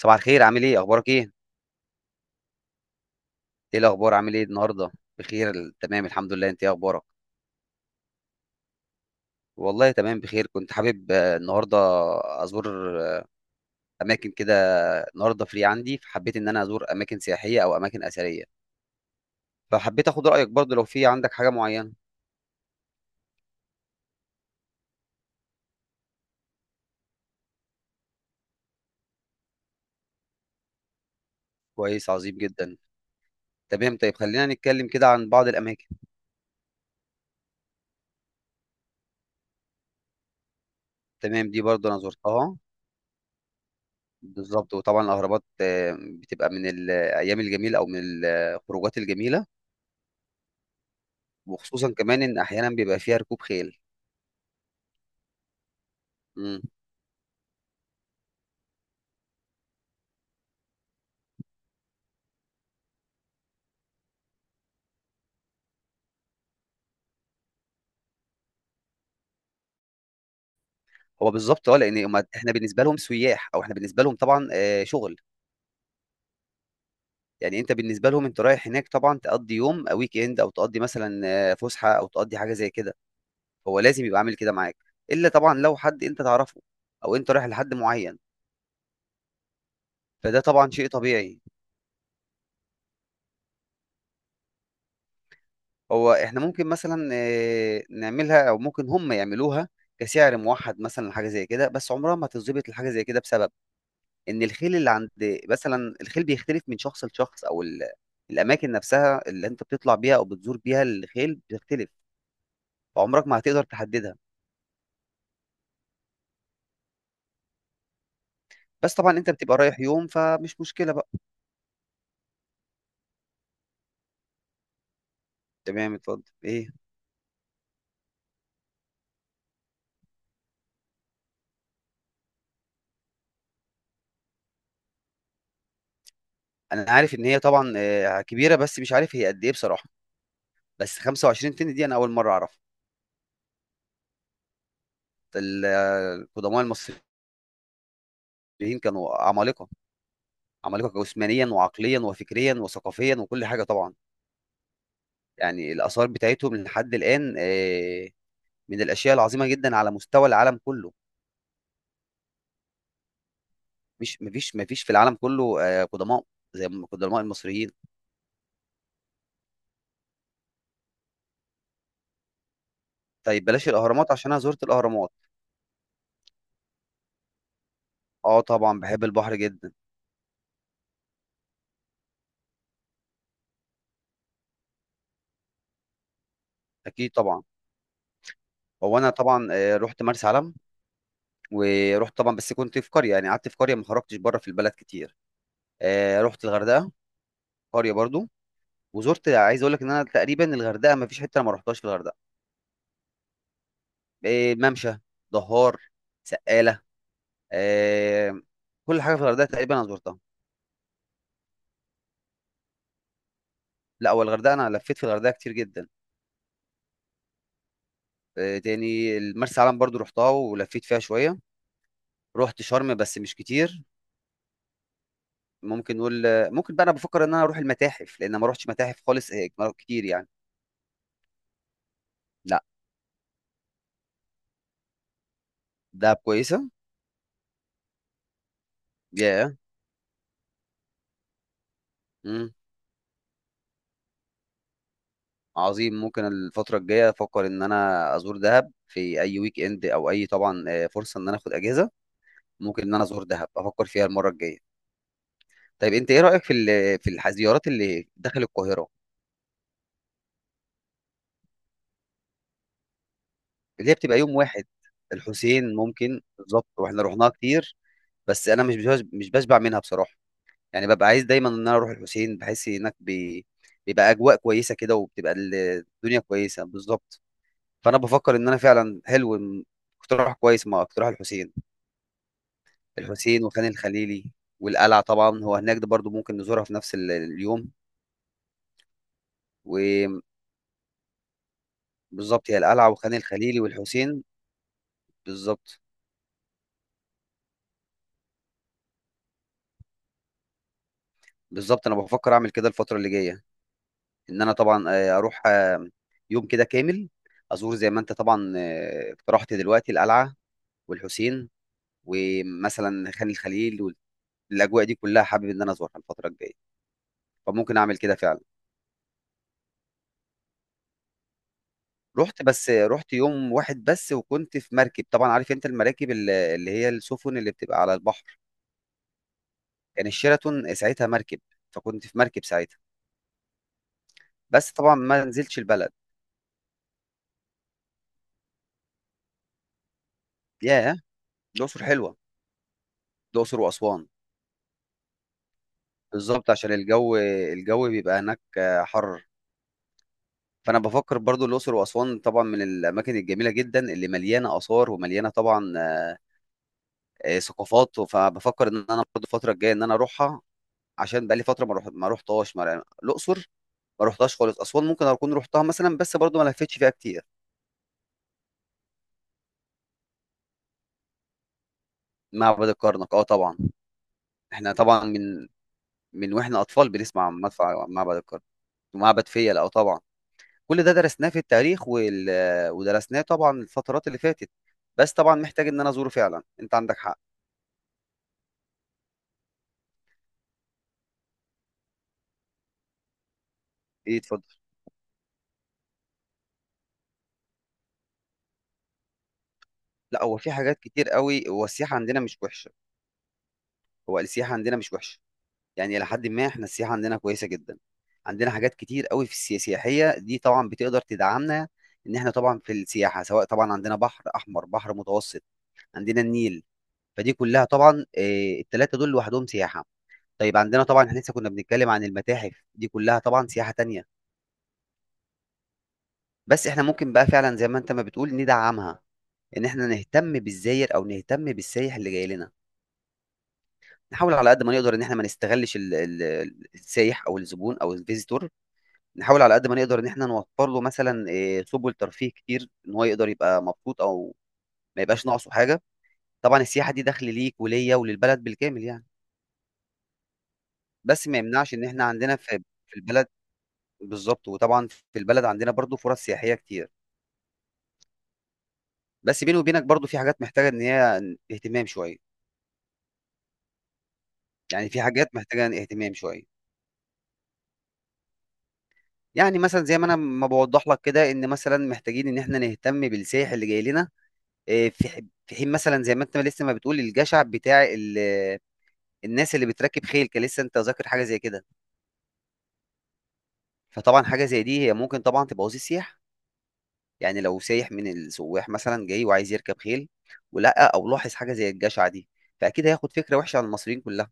صباح الخير، عامل ايه، اخبارك ايه؟ ايه الاخبار، عامل ايه النهارده؟ بخير، تمام الحمد لله، انت ايه اخبارك؟ والله تمام بخير. كنت حابب النهارده ازور آه، اماكن كده. النهارده فري عندي، فحبيت ان انا ازور اماكن سياحيه او اماكن اثريه، فحبيت اخد رايك برضه لو في عندك حاجه معينه. كويس، عظيم جدا. تمام، طيب خلينا نتكلم كده عن بعض الاماكن. تمام، دي برضه انا زرتها. بالظبط، وطبعا الاهرامات بتبقى من الايام الجميله او من الخروجات الجميله. وخصوصا كمان ان احيانا بيبقى فيها ركوب خيل. مم. هو بالظبط اه، لان احنا بالنسبه لهم سياح، او احنا بالنسبه لهم طبعا شغل. يعني انت بالنسبه لهم انت رايح هناك طبعا تقضي يوم او ويك اند، او تقضي مثلا فسحه، او تقضي حاجه زي كده. هو لازم يبقى عامل كده معاك، الا طبعا لو حد انت تعرفه او انت رايح لحد معين، فده طبعا شيء طبيعي. هو احنا ممكن مثلا نعملها، او ممكن هم يعملوها كسعر موحد مثلا، حاجه زي كده، بس عمرها ما هتظبط الحاجه زي كده بسبب ان الخيل اللي عند، مثلا الخيل بيختلف من شخص لشخص، الاماكن نفسها اللي انت بتطلع بيها او بتزور بيها الخيل بتختلف، فعمرك ما هتقدر تحددها. بس طبعا انت بتبقى رايح يوم فمش مشكله بقى. تمام، اتفضل ايه. انا عارف ان هي طبعا كبيره، بس مش عارف هي قد ايه بصراحه، بس 25 طن دي انا اول مره اعرفها. القدماء المصريين كانوا عمالقه، عمالقه جسمانيا وعقليا وفكريا وثقافيا وكل حاجه طبعا. يعني الاثار بتاعتهم لحد الان من الاشياء العظيمه جدا على مستوى العالم كله. مش مفيش في العالم كله قدماء زي ما قدماء المصريين. طيب بلاش الاهرامات عشان انا زرت الاهرامات. اه طبعا بحب البحر جدا. اكيد طبعا. هو انا طبعا رحت مرسى علم، ورحت طبعا، بس كنت في قريه، يعني قعدت في قريه ما خرجتش بره في البلد كتير. رحت الغردقه، قريه برضو. وزرت، عايز اقول لك ان انا تقريبا الغردقه ما فيش حته أنا ما رحتهاش في الغردقه. ممشى، دهار، سقاله، آه، كل حاجه في الغردقه تقريبا انا زرتها. لا هو الغردقه انا لفيت في الغردقه كتير جدا. تاني مرسى علم برضو رحتها ولفيت فيها شويه. رحت شرم بس مش كتير. ممكن نقول ممكن بقى، انا بفكر ان انا اروح المتاحف لان ما روحتش متاحف خالص هيك كتير يعني. لا. دهب كويسه. يا. yeah. عظيم، ممكن الفتره الجايه افكر ان انا ازور دهب في اي ويك اند، او اي طبعا فرصه ان انا اخد اجازه. ممكن ان انا ازور دهب، افكر فيها المره الجايه. طيب انت ايه رايك في في الزيارات اللي داخل القاهره اللي هي بتبقى يوم واحد؟ الحسين ممكن، بالظبط، واحنا رحناها كتير، بس انا مش بشبع منها بصراحه. يعني ببقى عايز دايما ان انا اروح الحسين، بحس هناك بيبقى اجواء كويسه كده، وبتبقى الدنيا كويسه، بالظبط. فانا بفكر ان انا فعلا حلو اقتراح كويس مع اقتراح الحسين. الحسين وخان الخليلي والقلعه طبعا، هو هناك ده برضو ممكن نزورها في نفس اليوم. وبالظبط، هي القلعه وخان الخليلي والحسين، بالظبط. بالظبط، انا بفكر اعمل كده الفتره اللي جايه. ان انا طبعا اروح يوم كده كامل، ازور زي ما انت طبعا اقترحت دلوقتي، القلعه والحسين ومثلا خان الخليل، والاجواء دي كلها حابب ان انا ازورها الفتره الجايه، فممكن اعمل كده فعلا. رحت، بس رحت يوم واحد بس، وكنت في مركب، طبعا عارف انت المراكب اللي هي السفن اللي بتبقى على البحر. كان الشيراتون ساعتها مركب، فكنت في مركب ساعتها، بس طبعا ما نزلتش البلد. ياه، الاقصر حلوه. الاقصر واسوان. بالظبط عشان الجو، الجو بيبقى هناك حر. فانا بفكر برضو الاقصر واسوان طبعا من الاماكن الجميله جدا، اللي مليانه اثار ومليانه طبعا ثقافات. فبفكر ان انا برضو الفتره الجايه ان انا اروحها، عشان بقالي فتره ما روح ما روحتهاش ما- يعني الاقصر ما روحتهاش خالص. اسوان ممكن اكون روحتها مثلا، بس برضو ما لفتش فيها كتير. معبد الكرنك اه طبعا. احنا طبعا من واحنا اطفال بنسمع عن مدفع معبد الكرنك. ومعبد فيلة اه طبعا. كل ده درسناه في التاريخ ودرسناه طبعا الفترات اللي فاتت، بس طبعا محتاج ان انا ازوره فعلا، انت عندك حق. ايه، اتفضل. لا، هو في حاجات كتير قوي. هو السياحة عندنا مش وحشة. هو السياحة عندنا مش وحشة، يعني إلى حد ما إحنا السياحة عندنا كويسة جدا. عندنا حاجات كتير قوي في السياحية، دي طبعا بتقدر تدعمنا. إن إحنا طبعا في السياحة، سواء طبعا عندنا بحر أحمر، بحر متوسط، عندنا النيل، فدي كلها طبعا التلاتة دول لوحدهم سياحة. طيب عندنا طبعا، إحنا لسه كنا بنتكلم عن المتاحف، دي كلها طبعا سياحة تانية. بس إحنا ممكن بقى فعلا زي ما أنت ما بتقول ندعمها، إن إحنا نهتم بالزائر أو نهتم بالسايح اللي جاي لنا. نحاول على قد ما نقدر إن إحنا ما نستغلّش ال السايح أو الزبون أو الvisitor، نحاول على قد ما نقدر إن إحنا نوفّر له مثلًا سُبل ترفيه كتير، إن هو يقدر يبقى مبسوط أو ما يبقاش ناقصه حاجة. طبعًا السياحة دي دخْل ليك وليّا وللبلد بالكامل يعني. بس ما يمنعش إن إحنا عندنا في البلد، بالضبط، وطبعًا في البلد عندنا برضه فرص سياحية كتير. بس بيني وبينك برضه في حاجات محتاجة إن هي اهتمام شوية، يعني في حاجات محتاجة اهتمام شوية. يعني مثلًا زي ما أنا ما باوضّح لك كده، إن مثلًا محتاجين إن إحنا نهتم بالسايح اللي جاي لنا. آه، في ح- في حين مثلا زي ما انت لسه ما بتقول الجشع بتاع الناس اللي بتركب خيل، كان لسه انت ذاكر حاجه زي كده. فطبعا حاجه زي دي هي ممكن طبعا تبوظ السياح. يعني لو سايح من السواح مثلا جاي وعايز يركب خيل، ولقى او لاحظ حاجه زي الجشع دي، فاكيد هياخد فكره وحشه عن المصريين كلها.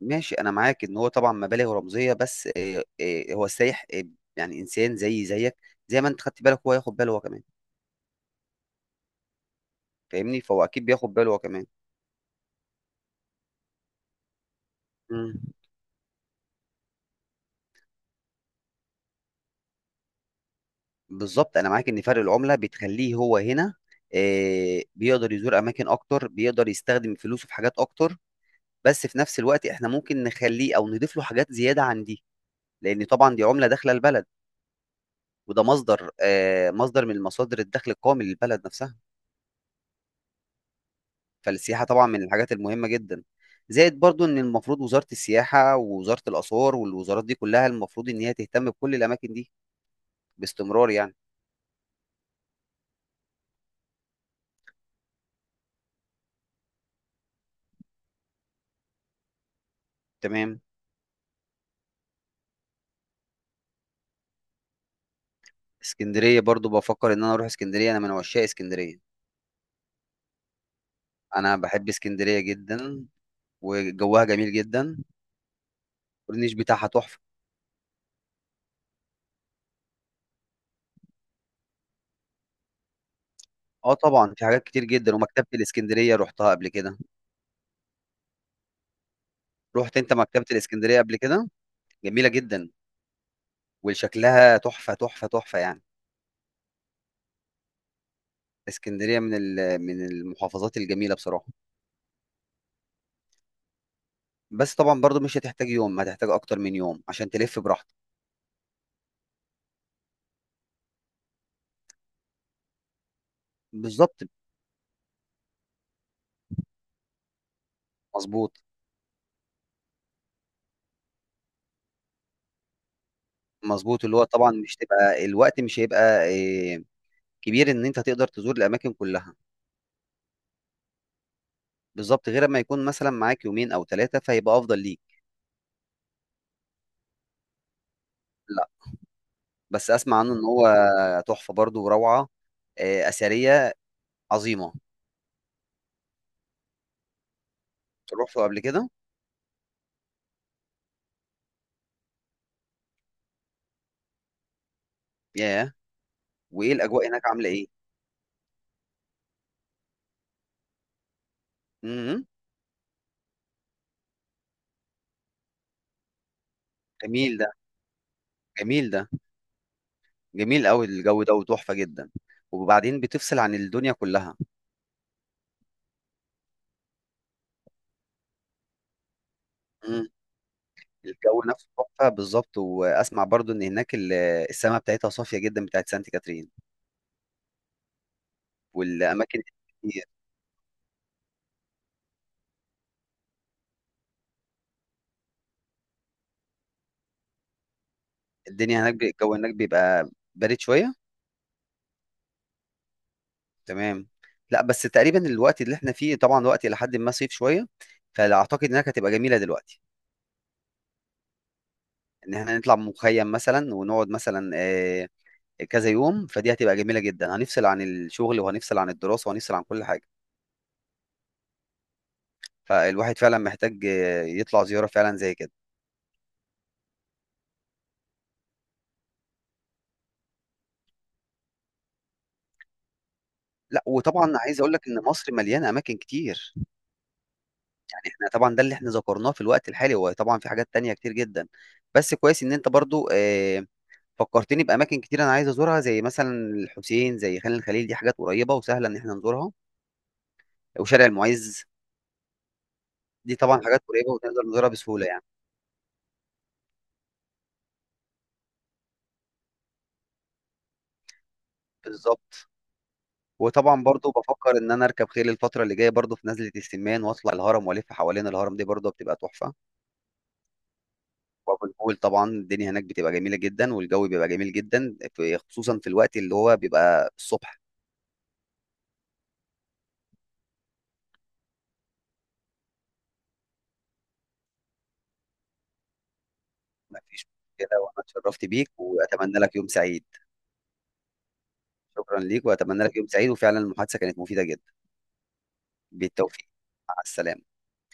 ماشي، انا معاك ان هو طبعا مبالغ رمزيه، بس هو السايح يعني انسان زي زيك، زي ما انت خدت بالك هو ياخد باله هو كمان. فاهمني، فهو اكيد بياخد باله هو كمان. مم. بالظبط انا معاك ان فرق العمله بتخليه هو هنا بيقدر يزور اماكن اكتر، بيقدر يستخدم فلوسه في حاجات اكتر. بس في نفس الوقت احنا ممكن نخليه او نضيف له حاجات زياده عن دي، لان طبعا دي عمله داخله البلد، وده مصدر مصدر من مصادر الدخل القومي للبلد نفسها. فالسياحه طبعا من الحاجات المهمه جدا. زائد برضو ان المفروض وزاره السياحه ووزاره الاثار والوزارات دي كلها المفروض ان هي تهتم بكل الاماكن دي باستمرار يعني. تمام. اسكندريه برضو بفكر ان انا اروح اسكندريه، انا من عشاق اسكندريه. انا بحب اسكندريه جدا، وجوها جميل جدا، والنيش بتاعها تحفه. اه طبعا في حاجات كتير جدا، ومكتبه الاسكندريه رحتها قبل كده. رحت انت مكتبه الاسكندريه قبل كده؟ جميله جدا، وشكلها تحفه تحفه تحفه يعني. اسكندريه من من المحافظات الجميله بصراحه. بس طبعا برضو مش هتحتاج يوم، هتحتاج اكتر من يوم عشان تلف براحتك. بالظبط. مظبوط. مظبوط، اللي هو طبعا مش تبقى، الوقت مش هيبقى إيه، كبير ان انت تقدر تزور الاماكن كلها. بالظبط، غير ما يكون مثلا معاك يومين او ثلاثه فهيبقى افضل ليك. لا، بس اسمع عنه ان هو تحفه برضو وروعه، اثريه، عظيمه. رحته قبل كده. ياه. وايه الاجواء هناك عامله ايه؟ امم جميل ده، جميل ده، جميل قوي الجو ده وتحفه جدا. وبعدين بتفصل عن الدنيا كلها. امم الجو نفسه تحفه بالظبط. واسمع برضو ان هناك السماء بتاعتها صافيه جدا بتاعت سانت كاترين. والاماكن، الدنيا هناك الجو هناك بيبقى بارد شويه. تمام. لا بس تقريبا الوقت اللي احنا فيه طبعا وقت الى حد ما صيف شويه، فاعتقد انها هتبقى جميله دلوقتي. ان احنا نطلع مخيم مثلا ونقعد مثلا كذا يوم، فدي هتبقى جميله جدا، هنفصل عن الشغل وهنفصل عن الدراسه وهنفصل عن كل حاجه. فالواحد فعلا محتاج يطلع زياره فعلا زي كده. لا، وطبعا عايز اقول لك ان مصر مليانه اماكن كتير. يعني احنا طبعا ده اللي احنا ذكرناه في الوقت الحالي، هو طبعا في حاجات تانية كتير جدا. بس كويس ان انت برضو فكرتني باماكن كتير انا عايز ازورها، زي مثلا الحسين، زي خان الخليل، دي حاجات قريبه وسهله ان احنا نزورها. وشارع المعز، دي طبعا حاجات قريبه ونقدر نزورها بسهوله يعني. بالظبط. وطبعا برضو بفكر ان انا اركب خيل الفتره اللي جايه برضو في نزله السمان، واطلع الهرم والف حوالين الهرم، دي برضو بتبقى تحفه. وابو الهول طبعا، الدنيا هناك بتبقى جميله جدا، والجو بيبقى جميل جدا، في خصوصا في الوقت اللي هو بيبقى الصبح. مفيش مشكله، وانا اتشرفت بيك، واتمنى لك يوم سعيد. شكرا ليك، واتمنى لك يوم سعيد، وفعلا المحادثه كانت مفيده جدا. بالتوفيق. مع السلامة.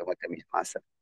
يومك جميل، مع السلامة.